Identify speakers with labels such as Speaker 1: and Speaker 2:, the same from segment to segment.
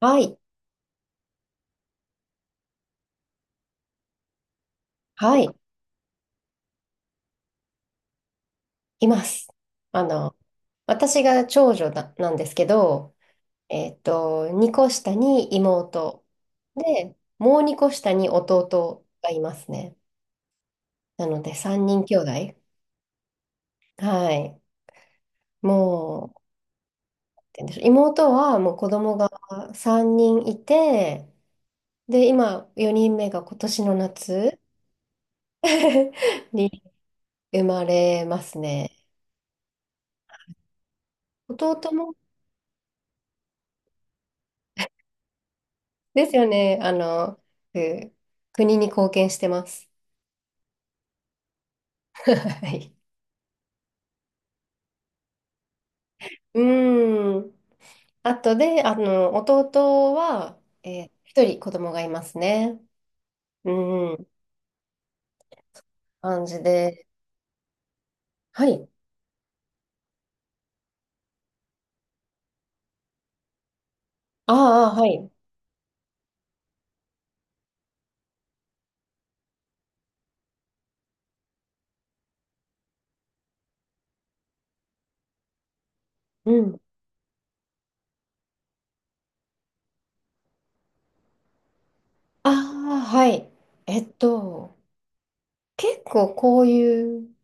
Speaker 1: はい、はい、います。あの、私が長女なんですけど、2個下に妹で、もう2個下に弟がいますね。なので、3人兄弟。はい。もなんて言うんでしょう。妹はもう子供が3人いて、で、今、4人目が今年の夏 に生まれますね。弟もですよね。く国に貢献してます。はい。うん。あとで、弟は、一人子供がいますね。うん。感じで。はい。ああ、はい。うん。ああ、はい。えっと、結構こういう、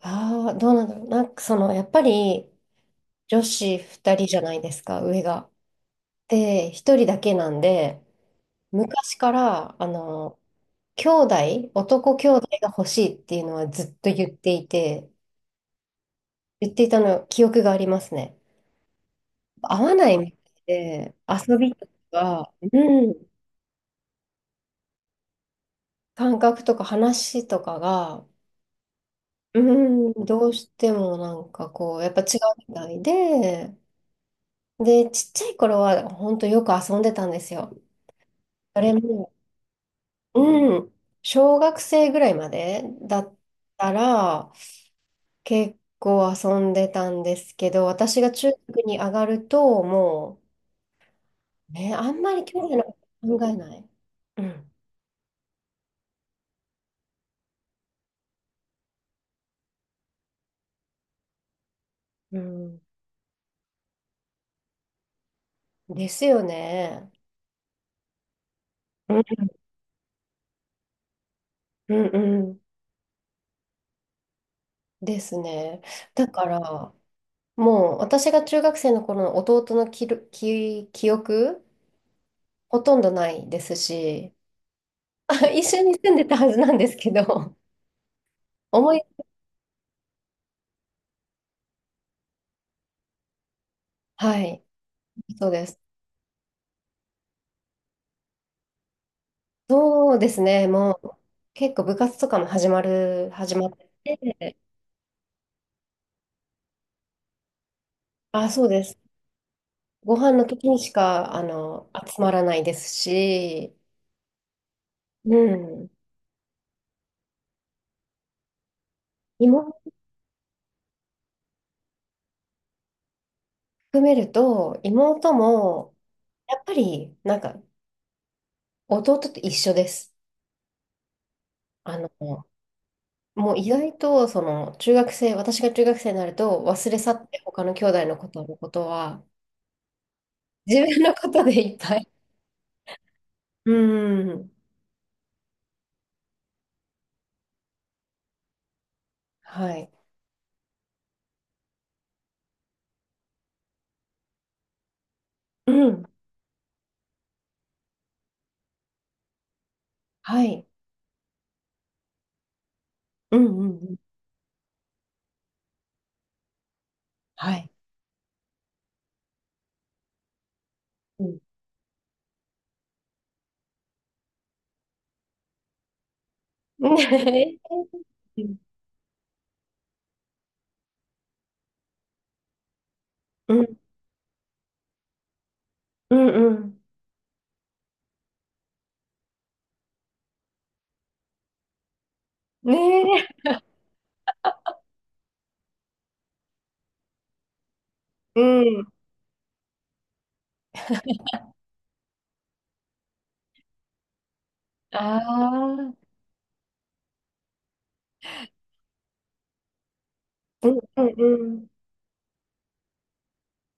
Speaker 1: ああ、どうなんだろう。やっぱり女子二人じゃないですか、上が。で、一人だけなんで、昔から、兄弟、男兄弟が欲しいっていうのはずっと言っていて、言っていたの記憶がありますね。合わないみたいで、遊びとか、うん、感覚とか話とかが、うん、どうしてもなんかこう、やっぱ違うみたいで、で、ちっちゃい頃は本当よく遊んでたんですよ。それも、うん、小学生ぐらいまでだったら、結構遊んでたんですけど、私が中学に上がると、ね、あんまり兄弟のこと考えない。うん。うん。ですよね。うん、うん、うんですね。だから、もう私が中学生の頃の弟の記録記、記憶、ほとんどないですし、一緒に住んでたはずなんですけど、思い、はい、そうです。そうですね、もう結構部活とかも始まって、あ、そうです。ご飯の時にしか、集まらないですし、うん。妹含めると、妹も、やっぱり、なんか、弟と一緒です。あの、もう意外と、中学生、私が中学生になると、忘れ去って他の兄弟のことは、自分のことでいっぱい。うん。はい。うん。はい。うんうんうん。はい。うん。ねえ、うんうんうんうん。ねえ、うん。ああ、うんうんうん。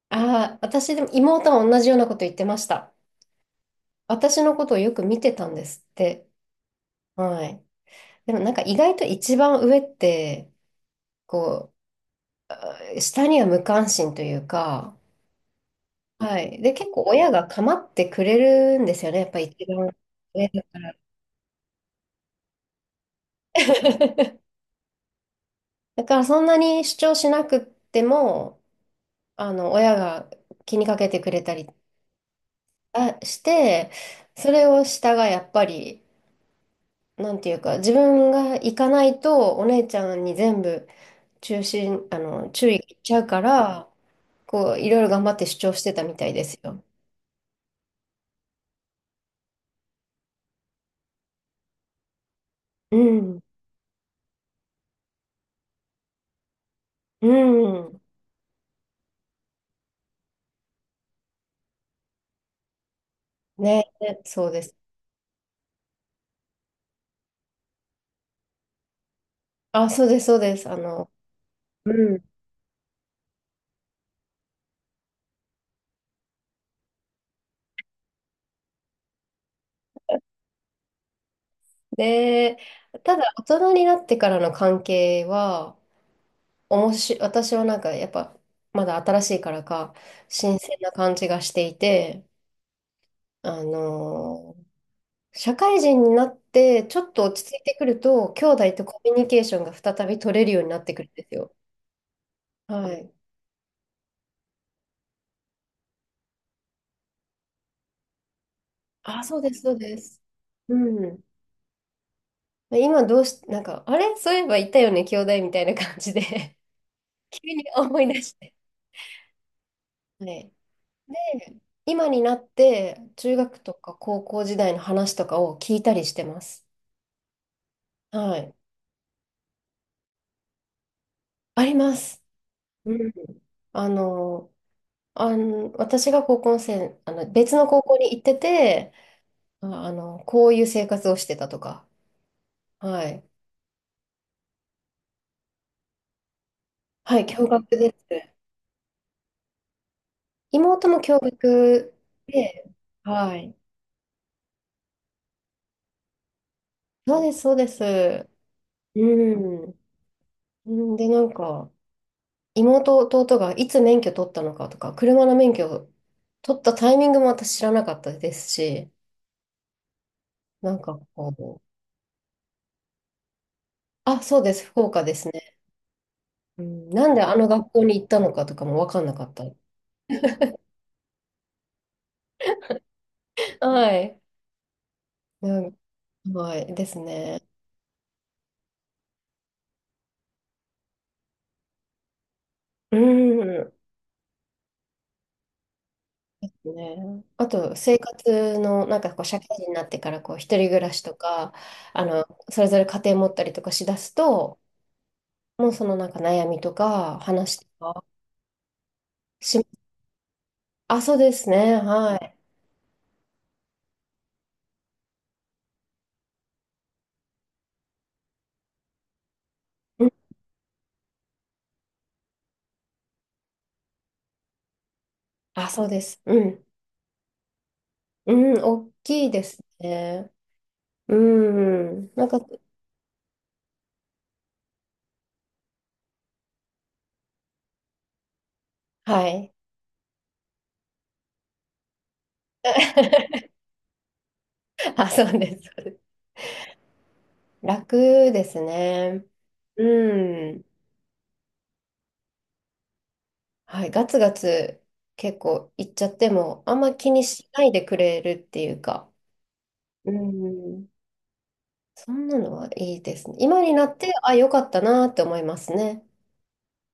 Speaker 1: ああ、私でも妹は同じようなこと言ってました。私のことをよく見てたんですって。はい。でもなんか意外と一番上って、こう、下には無関心というか、はい。で、結構親が構ってくれるんですよね。やっぱ一番上だから。だからそんなに主張しなくっても、親が気にかけてくれたりあして、それを下がやっぱり、なんていうか、自分が行かないと、お姉ちゃんに全部中心、あの、注意がいっちゃうから、こう、いろいろ頑張って主張してたみたいですよ。うん。うん。ね、そうです。あ、そうです、そうです。うん。で、ただ、大人になってからの関係は、おもし、私はなんか、やっぱ、まだ新しいからか、新鮮な感じがしていて、あの社会人になって、ちょっと落ち着いてくると、兄弟とコミュニケーションが再び取れるようになってくるんですよ。はい。あ、そうです、そうです。うん。今どうし、なんか、あれそういえばいたよね、兄弟みたいな感じで 急に思い出して。はい。で、今になって、中学とか高校時代の話とかを聞いたりしてます。はい。あります。うん。あの、あの、私が高校生、別の高校に行ってて、こういう生活をしてたとか。はい。はい、共学です。妹も共学で、はい。そうです、そうです。うん。で、なんか、妹、弟がいつ免許取ったのかとか、車の免許を取ったタイミングも私知らなかったですし、なんかこう、あ、そうです、福岡ですね。うん、なんであの学校に行ったのかとかも分かんなかった。はい。うん、はい、ですね。うん。ね、あと生活のなんかこう社会人になってからこう一人暮らしとかあのそれぞれ家庭持ったりとかしだすともうそのなんか悩みとか話とかし、あ、そうですね、はい、うん、あ、そうです、うん、うん、大きいですね、うん、なんかはい あ、そうです、そうです、楽ですね、うん、はい、ガツガツ結構行っちゃっても、あんま気にしないでくれるっていうか、うん、そんなのはいいですね。今になって、あ、よかったなって思いますね。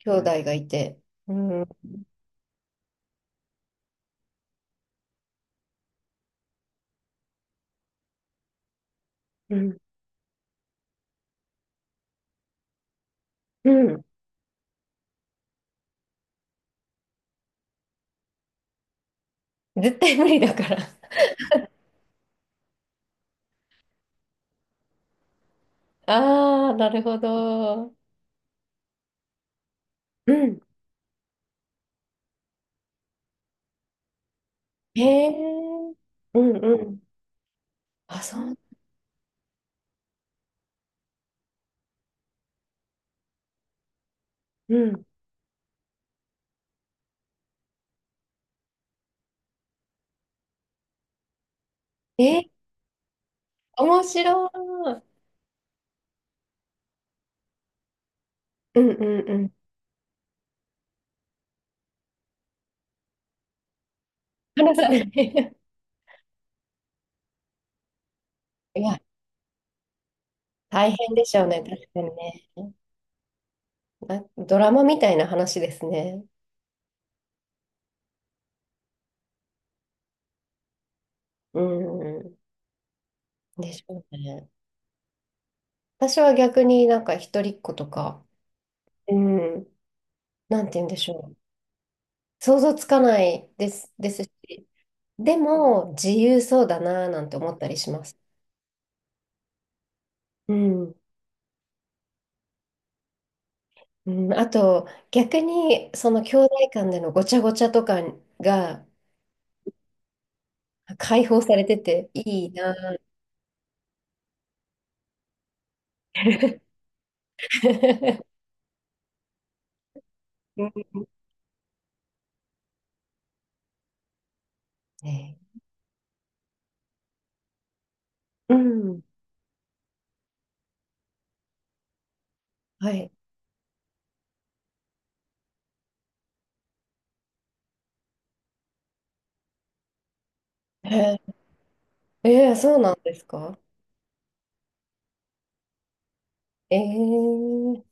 Speaker 1: 兄弟がいて。うん、うん、うん。絶対無理だから。ああ、なるほど。うん。へえ。うんうん。あ、そう。うん。え、面白い。うんうんうん。話さない。いや、大変でしょうね。確かにね。あ、ドラマみたいな話ですね。うん。でしょうね。私は逆になんか一人っ子とか、うん。なんて言うんでしょう。想像つかないです、ですし。でも、自由そうだなぁなんて思ったりします。うん。うん、あと、逆に、その兄弟間でのごちゃごちゃとかが解放されてていいなぁ。うん、ね、うん。はい。えー、えー、そうなんですか。ええ。